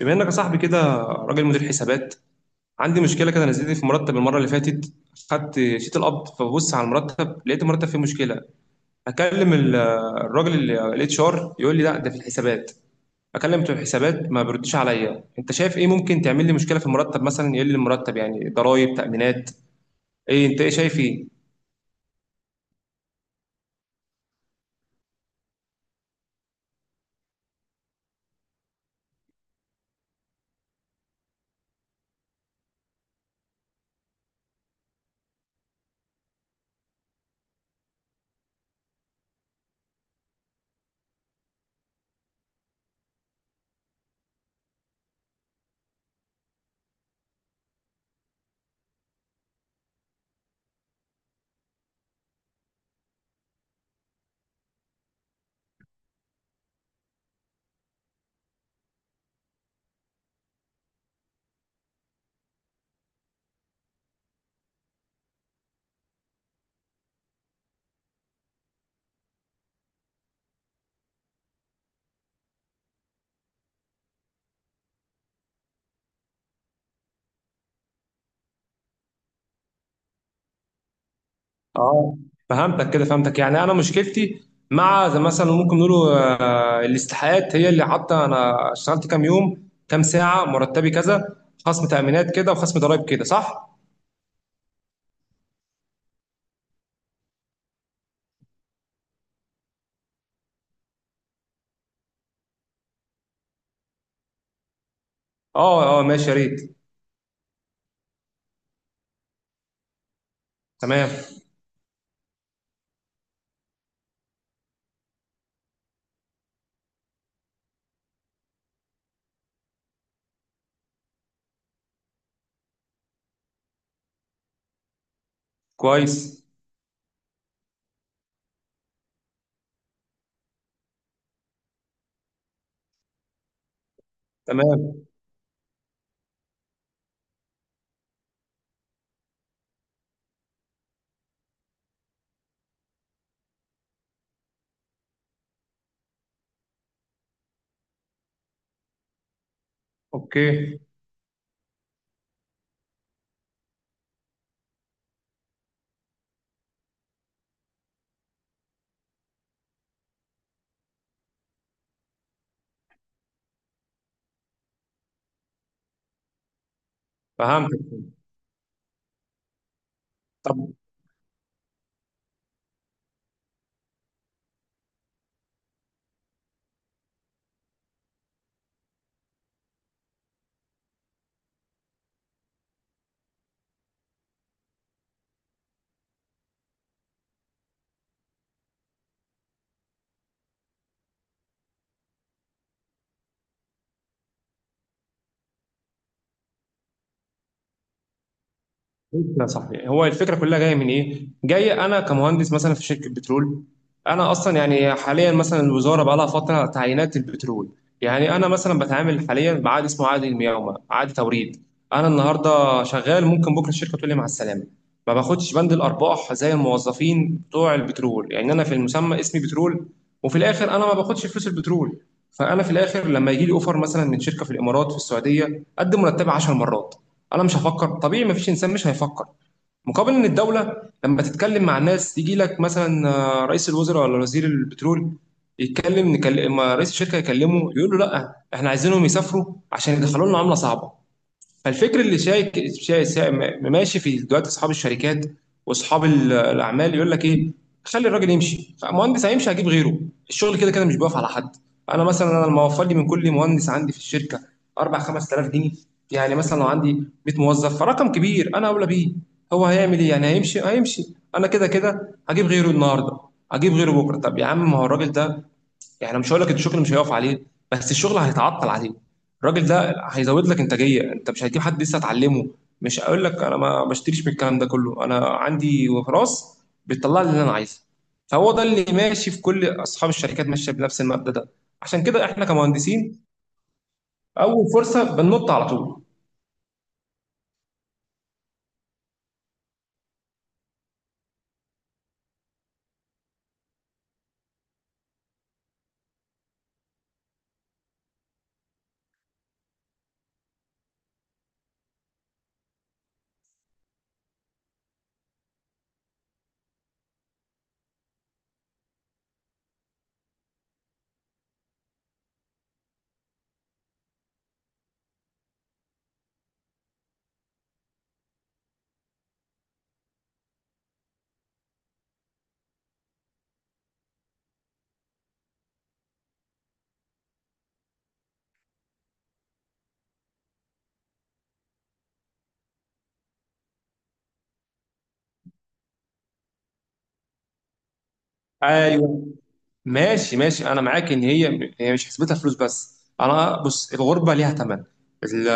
بما انك يا صاحبي كده راجل مدير حسابات، عندي مشكله كده نزلت لي في مرتب المره اللي فاتت. خدت شيت القبض فببص على المرتب لقيت المرتب فيه مشكله. اكلم ال- الراجل الاتش ار يقول لي لا ده في الحسابات. اكلم بتوع الحسابات ما بيردش عليا، انت شايف ايه ممكن تعمل لي مشكله في المرتب؟ مثلا يقل لي المرتب، يعني ضرائب، تامينات، ايه؟ انت ايه شايف ايه؟ اه، فهمتك كده، فهمتك، يعني انا مشكلتي مع زي مثلا ممكن نقوله، آه، الاستحقاقات هي اللي حاطه انا اشتغلت كام يوم كام ساعه مرتبي كذا، خصم تامينات كده وخصم ضرائب كده، صح؟ اه اه ماشي يا ريت. تمام. كويس. تمام. اوكي. فهمتك. طب. لا صح، هو الفكره كلها جايه من ايه؟ جاي انا كمهندس مثلا في شركه بترول، انا اصلا يعني حاليا مثلا الوزاره بقى لها فتره تعيينات البترول، يعني انا مثلا بتعامل حاليا بعقد اسمه عقد المقاومه، عقد توريد. انا النهارده شغال ممكن بكره الشركه تقول لي مع السلامه. ما باخدش بند الارباح زي الموظفين بتوع البترول، يعني انا في المسمى اسمي بترول وفي الاخر انا ما باخدش فلوس البترول. فانا في الاخر لما يجي لي اوفر مثلا من شركه في الامارات في السعوديه قد مرتبي 10 مرات، انا مش هفكر. طبيعي مفيش انسان مش هيفكر. مقابل ان الدوله لما تتكلم مع الناس يجي لك مثلا، آه، رئيس الوزراء ولا وزير البترول يتكلم، نكلم ما رئيس الشركه يكلمه يقول له لا احنا عايزينهم يسافروا عشان يدخلوا لنا عمله صعبه. فالفكر اللي ماشي في دلوقتي اصحاب الشركات واصحاب الاعمال يقول لك ايه، خلي الراجل يمشي، مهندس هيمشي هجيب غيره، الشغل كده كده مش بيقف على حد. انا مثلا، انا لما اوفر لي من كل مهندس عندي في الشركه 4 5000 جنيه، يعني مثلا لو عندي 100 موظف فرقم كبير انا اولى بيه. هو هيعمل ايه يعني؟ هيمشي هيمشي، انا كده كده هجيب غيره النهارده، هجيب غيره بكره. طب يا عم ما هو الراجل ده، يعني مش هقول لك الشغل مش هيقف عليه، بس الشغل هيتعطل عليه. الراجل ده هيزود لك انتاجيه، انت مش هتجيب حد لسه اتعلمه. مش هقول لك انا ما بشتريش من الكلام ده كله، انا عندي راس بتطلع لي اللي انا عايزه. فهو ده اللي ماشي، في كل اصحاب الشركات ماشيه بنفس المبدا ده. عشان كده احنا كمهندسين اول فرصه بننط على طول. أيوه. ماشي ماشي، انا معاك ان هي مش حسبتها فلوس، بس انا بص الغربه ليها ثمن. ال-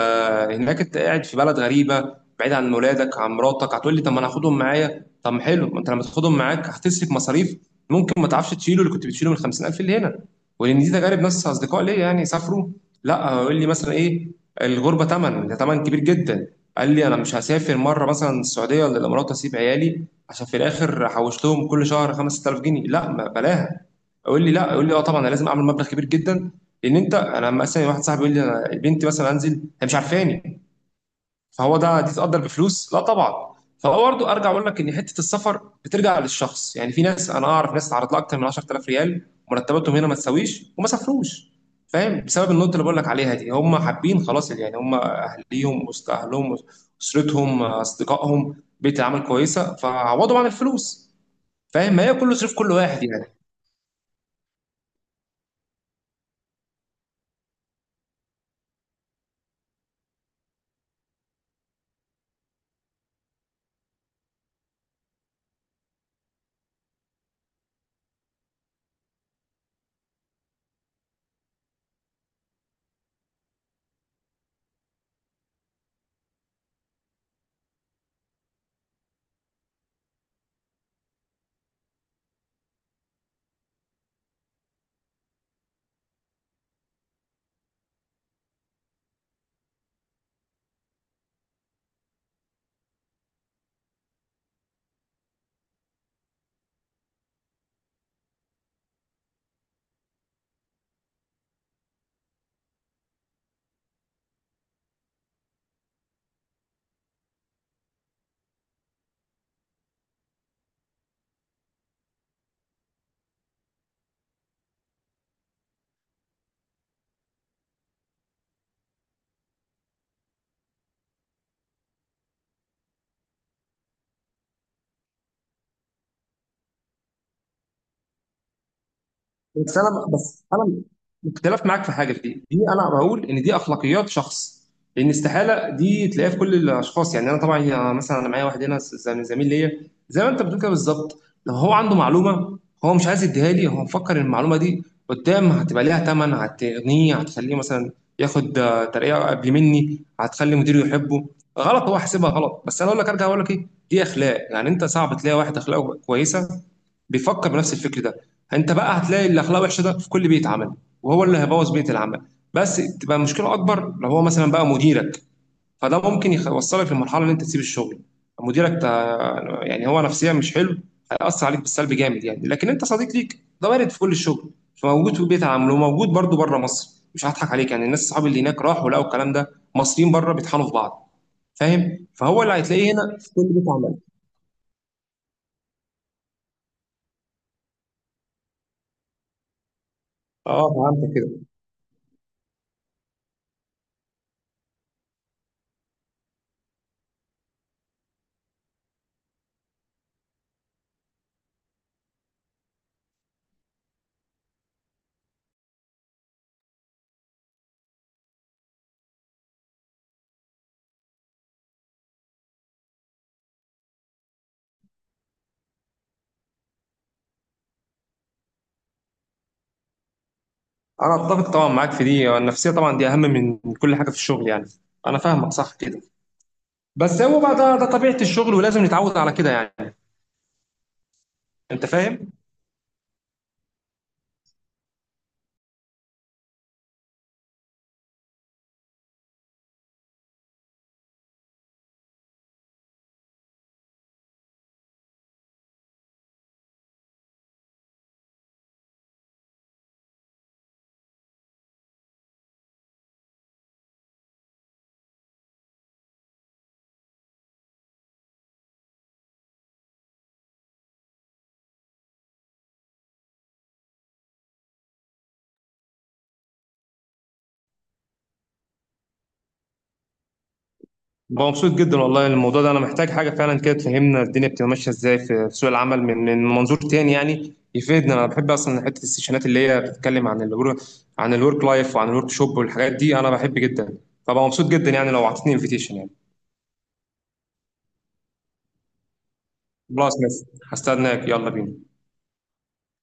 هناك انت قاعد في بلد غريبه، بعيد عن ولادك عن مراتك. هتقول لي طب ما انا هاخدهم معايا، طب ما حلو، ما انت لما تاخدهم معاك هتصرف مصاريف، ممكن ما تعرفش تشيله اللي كنت بتشيله من 50000 اللي هنا. ولان دي تجارب ناس اصدقاء ليا يعني سافروا، لا يقول لي مثلا ايه، الغربه ثمن، ده ثمن كبير جدا. قال لي انا مش هسافر مره مثلا السعوديه ولا الامارات اسيب عيالي عشان في الاخر حوشتهم كل شهر 5000 جنيه، لا ما بلاها. يقول لي لا، يقول لي اه طبعا انا لازم اعمل مبلغ كبير جدا. لان انت، انا لما مثلا واحد صاحبي يقول لي انا بنتي مثلا انزل هي مش عارفاني، فهو ده تتقدر بفلوس؟ لا طبعا. فهو برضه ارجع اقول لك ان حته السفر بترجع للشخص، يعني في ناس، انا اعرف ناس اتعرض لها اكتر من 10000 ريال مرتباتهم هنا ما تساويش وما سافروش. فاهم؟ بسبب النقطه اللي بقول لك عليها دي، هم حابين خلاص، يعني هم اهليهم وسط اهلهم، اسرتهم، اصدقائهم، بيئه العمل كويسه، فعوضوا عن الفلوس. فاهم؟ ما هي كله صرف، كل واحد يعني. بس انا اختلف معاك في حاجه في دي، انا بقول ان دي اخلاقيات شخص. لان استحاله دي تلاقيها في كل الاشخاص، يعني انا طبعا، آه، مثلا انا معايا واحد هنا زميل ليا زي ما انت بتقول كده بالظبط. لو هو عنده معلومه هو مش عايز يديها لي، هو مفكر ان المعلومه دي قدام هتبقى ليها ثمن، هتغنيه، هتخليه مثلا ياخد، آه، ترقيه قبل مني، هتخلي مديره يحبه. غلط، هو حاسبها غلط. بس انا اقول لك، ارجع اقول لك ايه، دي اخلاق، يعني انت صعب تلاقي واحد اخلاقه كويسه بيفكر بنفس الفكر ده. انت بقى هتلاقي الاخلاق وحشه ده في كل بيت عمل، وهو اللي هيبوظ بيت العمل. بس تبقى المشكله اكبر لو هو مثلا بقى مديرك، فده ممكن يوصلك لمرحله ان انت تسيب الشغل. مديرك يعني هو نفسيا مش حلو، هيأثر عليك بالسلب جامد يعني. لكن انت صديق ليك ده وارد في كل الشغل. فموجود في بيت العمل وموجود برضو بره مصر، مش هضحك عليك. يعني الناس صحابي اللي هناك راحوا لقوا الكلام ده، مصريين بره بيطحنوا في بعض. فاهم؟ فهو اللي هتلاقيه هنا في كل بيت عمل. اه، فهمت كده. انا اتفق طبعا معاك في دي، النفسيه طبعا دي اهم من كل حاجه في الشغل يعني. انا فاهمك صح كده. بس هو بقى ده طبيعه الشغل ولازم نتعود على كده يعني. انت فاهم. بقى مبسوط جدا والله الموضوع ده، انا محتاج حاجه فعلا كده تفهمنا الدنيا بتبقى ماشيه ازاي في سوق العمل، من منظور تاني يعني يفيدنا. انا بحب اصلا حته السيشنات اللي هي بتتكلم عن الورك لايف وعن الورك شوب والحاجات دي، انا بحب جدا. فبقى مبسوط جدا، يعني لو اعطيتني انفيتيشن يعني. خلاص ماشي. هستناك يلا بينا.